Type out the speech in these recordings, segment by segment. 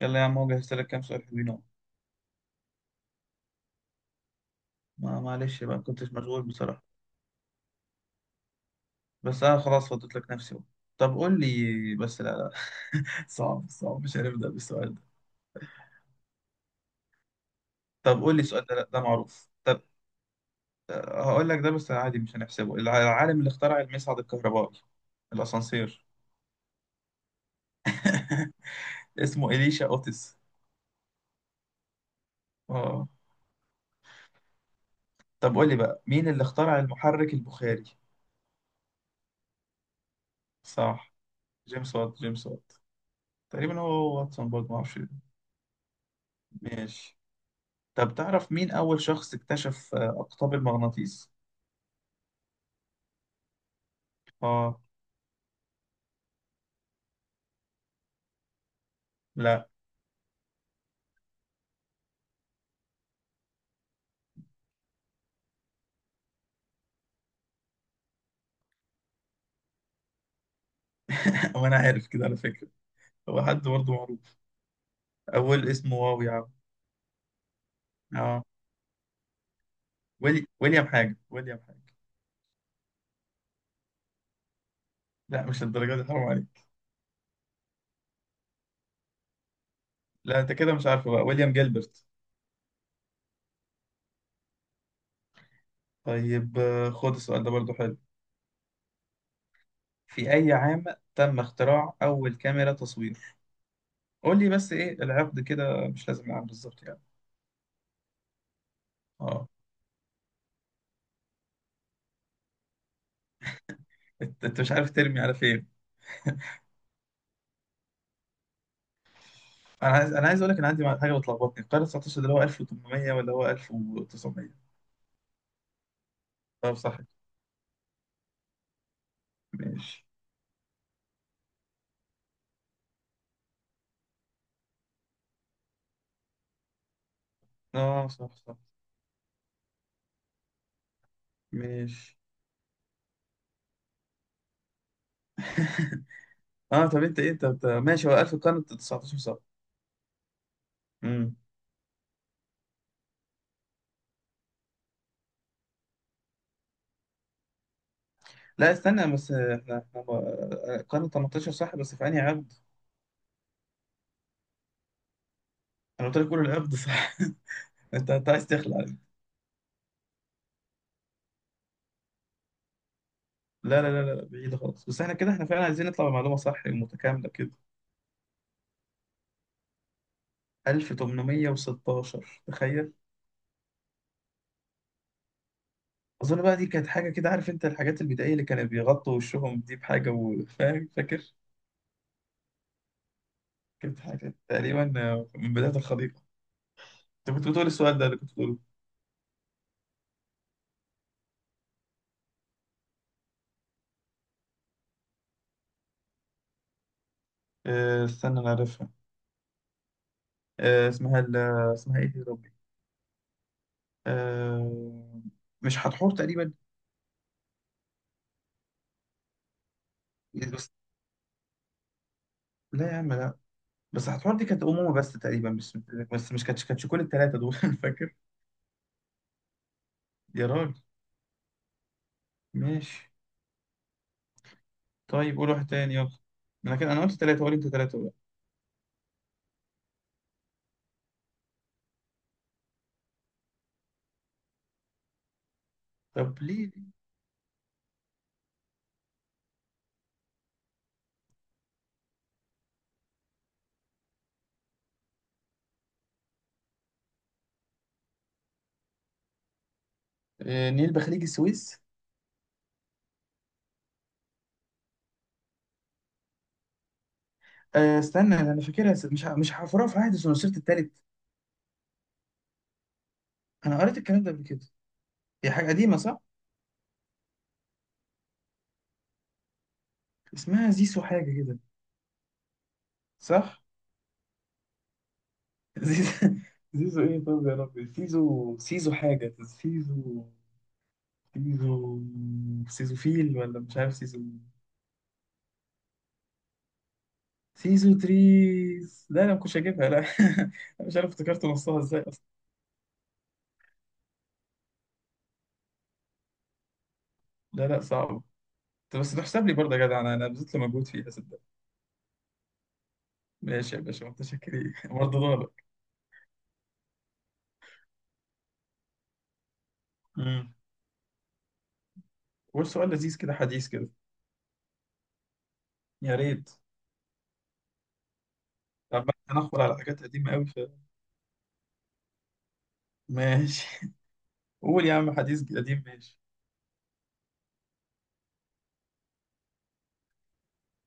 يلا يا عم، هو جهزت لك كام سؤال حلوين اهو. معلش بقى، ما كنتش مشغول بصراحة. بس انا خلاص فضيت لك نفسي بقى. طب قول لي بس. لا لا. صعب صعب، مش هنبدأ بالسؤال ده. طب قول لي السؤال ده. لا ده معروف. طب هقول لك ده، بس عادي مش هنحسبه. العالم اللي اخترع المصعد الكهربائي، الاسانسير، اسمه إليشا أوتس. اه. طب قول لي بقى مين اللي اخترع المحرك البخاري؟ صح، جيمس وات جيمس وات. تقريبا هو واتسون برضه، ما اعرفش. ماشي. طب تعرف مين أول شخص اكتشف أقطاب المغناطيس؟ آه. لا. وأنا عارف كده على فكرة. هو حد برضه معروف. أول اسمه واو يا عم. آه. ويليام حاجة، ويليام حاجة. لا مش الدرجة دي، حرام عليك. لا أنت كده مش عارفه بقى، ويليام جيلبرت. طيب، خد السؤال ده برضه حلو. في أي عام تم اختراع أول كاميرا تصوير؟ قول لي بس إيه العقد كده، مش لازم العام بالظبط يعني. آه. أنت أنت مش عارف ترمي على فين. انا عايز اقول لك، انا عندي حاجه بتلخبطني، القرن 19 ده اللي هو 1800 ولا هو 1900؟ طب صح. ماشي. اه صح صح. ماشي. اه طب انت ايه ماشي، هو 1000 القرن 19 صح؟ امم. لا استنى بس، القرن 18 صح، بس في انهي عقد؟ انا قلت لك قول العقد صح. انت انت عايز تخلع. لا، بعيد خالص، بس احنا كده احنا فعلا عايزين نطلع بمعلومه صح ومتكامله كده. 1816 تخيل. اظن بقى دي كانت حاجه كده، عارف انت الحاجات البدائيه اللي كانوا بيغطوا وشهم دي بحاجه، وفاهم، فاكر؟ كانت حاجه تقريبا من بدايه الخليقه. انت كنت بتقول السؤال ده، اللي كنت بتقوله. استنى انا عارفها. آه، اسمها ال- اسمها ايه دي يا ربي؟ آه، مش هتحور تقريبا. إيه بس. لا يا عم لا. بس هتحور دي كانت امومه بس تقريبا، بس بس مش كانتش كل الثلاثه دول. فاكر؟ يا راجل. ماشي. طيب قول واحد تاني يلا. انا كده قلت ثلاثه، قول انت ثلاثه بقى. طب ليه؟ نيل بخليج السويس. استنى انا فاكرها. مش هحفرها، في عهد سنوسرت التالت. انا قريت الكلام ده قبل كده. هي حاجه قديمه صح. اسمها زيسو حاجه كده. صح. زيزو. زيزو ايه طب يا ربي، سيزو سيزو حاجه، سيزو سيزو. سيزو فيل، ولا مش عارف، سيزو. سيزو تريز، لا انا ما كنتش هجيبها لا. أنا مش عارف افتكرت نصها ازاي اصلا. لا لا، صعب. طب بس تحسب لي برضه يا جدع، انا انا بذلت مجهود فيها صدق. ماشي يا باشا متشكرين. برضه دورك. مم. والسؤال لذيذ كده، حديث كده. يا ريت. عمال هنحفر على حاجات قديمة أوي ماشي. قول يا عم، حديث قديم ماشي.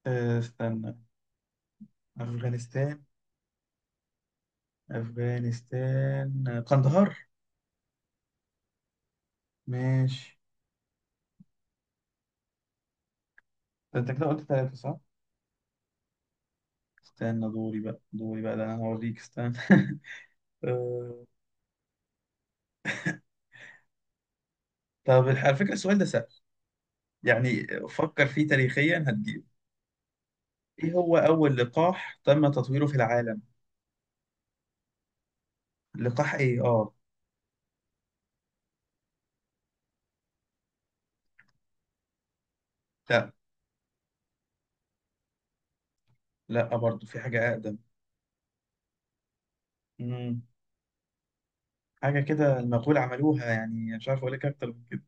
استنى. أفغانستان. أفغانستان قندهار. ماشي. ده أنت كده قلت ثلاثة صح؟ استنى دوري بقى، دوري بقى، ده أنا هوريك استنى. أه، طب على فكرة السؤال ده سهل، يعني فكر فيه تاريخيا هتجيب. إيه هو أول لقاح تم تطويره في العالم؟ لقاح إيه؟ آه. لا. لا برضه، في حاجة أقدم. حاجه كده المغول عملوها، يعني مش عارف اقول لك اكتر من كده.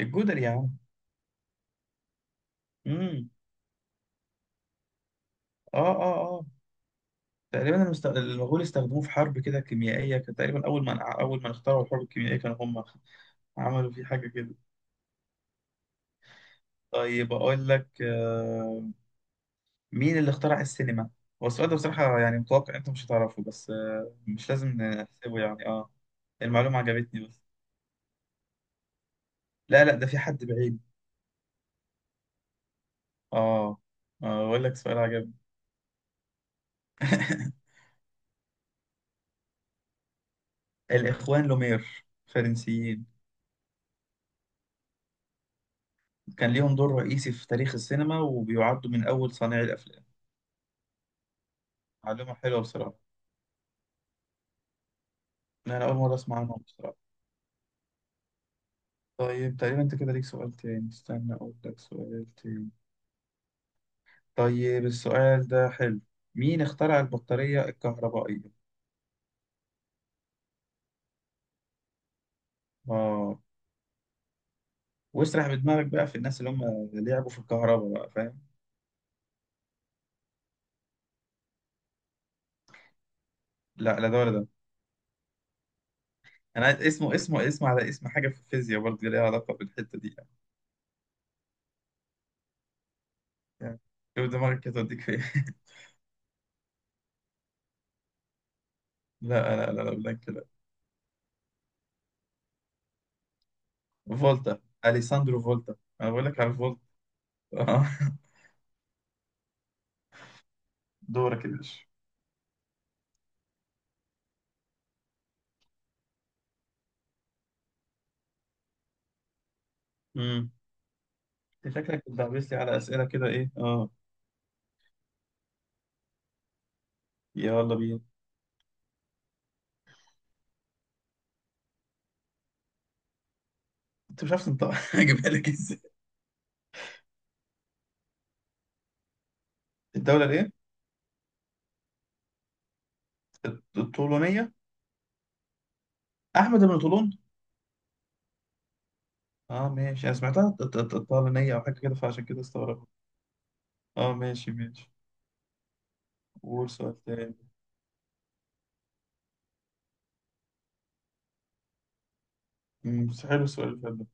الجدر يا عم. امم. اه اه اه. تقريبا المغول استخدموه في حرب كده كيميائيه، كان تقريبا اول ما اخترعوا الحرب الكيميائيه كانوا هم عملوا فيه حاجه كده. طيب اقول لك، مين اللي اخترع السينما؟ هو السؤال ده بصراحه يعني متوقع انت مش هتعرفه، بس مش لازم نحسبه يعني، اه المعلومه عجبتني بس. لا لا ده، في حد بعيد. اه. اقول لك سؤال عجبني. الاخوان لومير فرنسيين، كان ليهم دور رئيسي في تاريخ السينما وبيعدوا من أول صانعي الأفلام. معلومة حلوة بصراحة. أنا أول مرة أسمع عنهم بصراحة. طيب تقريبا أنت كده ليك سؤال تاني، استنى أقول لك سؤال تاني. طيب السؤال ده حلو. مين اخترع البطارية الكهربائية؟ آه. واسرح بدماغك بقى في الناس اللي هم لعبوا في الكهرباء بقى، فاهم؟ لا لا ده ولا ده. أنا عايز اسمه، اسمه على اسم حاجة في الفيزياء برضه، ليها علاقة بالحتة دي يعني. يعني شوف دماغك كده توديك فين. لا، بلاك. فولتا. اليساندرو فولتا. انا بقول لك على فولتا. آه. دورك يا باشا. امم. انت شكلك بتدعبس لي على اسئله كده، ايه اه؟ يلا بينا. انت مش عارف تنطق. هجيبها لك ازاي؟ الدوله الايه؟ الطولونيه، احمد بن طولون. اه ماشي، انا سمعتها طالونيه او حاجه كده، فعشان كده استغربت. اه ماشي ماشي. قول سؤال تاني. امم، بس حلو السؤال اللي فات ده.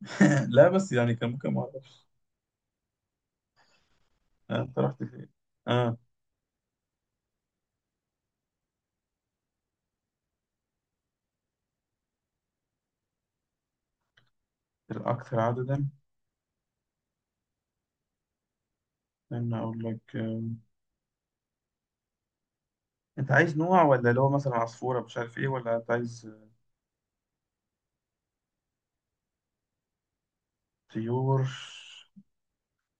لا بس يعني كان ممكن ما اعرفش. انت رحت فين؟ اه. الاكثر عددا، استنى اقول لك. انت عايز نوع، ولا اللي هو مثلا عصفورة مش عارف ايه، ولا انت عايز طيور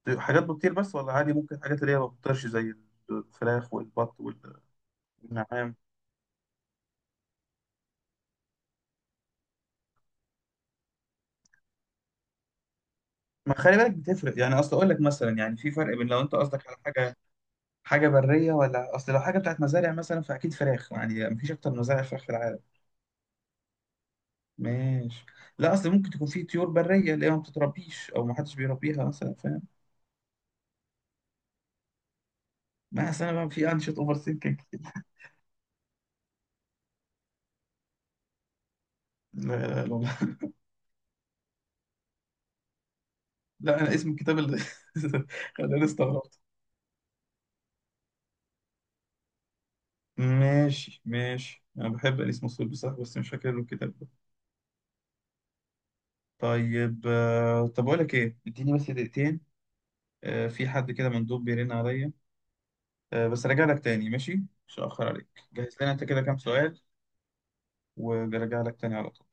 طيور، حاجات بتطير بس، ولا عادي ممكن حاجات اللي هي ما بتطيرش زي الفراخ والبط والنعام؟ ما خلي بالك بتفرق، يعني اصل اقول لك مثلا، يعني في فرق بين لو انت قصدك على حاجة حاجة برية، ولا اصل لو حاجة بتاعت مزارع مثلا فاكيد فراخ، يعني مفيش اكتر من مزارع فراخ في العالم. ماشي. لا اصل ممكن تكون في طيور برية اللي هي ما بتتربيش او ما حدش بيربيها مثلا، فاهم؟ ما اصل انا بقى في انشط اوفر سينكينج. لا انا اسم الكتاب اللي خلاني استغربت. ماشي ماشي، انا بحب انيس مسرود بصراحه، بس مش فاكر له الكتاب ده. طيب طب اقول لك ايه، اديني بس دقيقتين. في حد كده مندوب بيرن عليا، بس راجع لك تاني ماشي، مش هاخر عليك. جهز لنا انت كده كام سؤال، وراجع لك تاني على طول.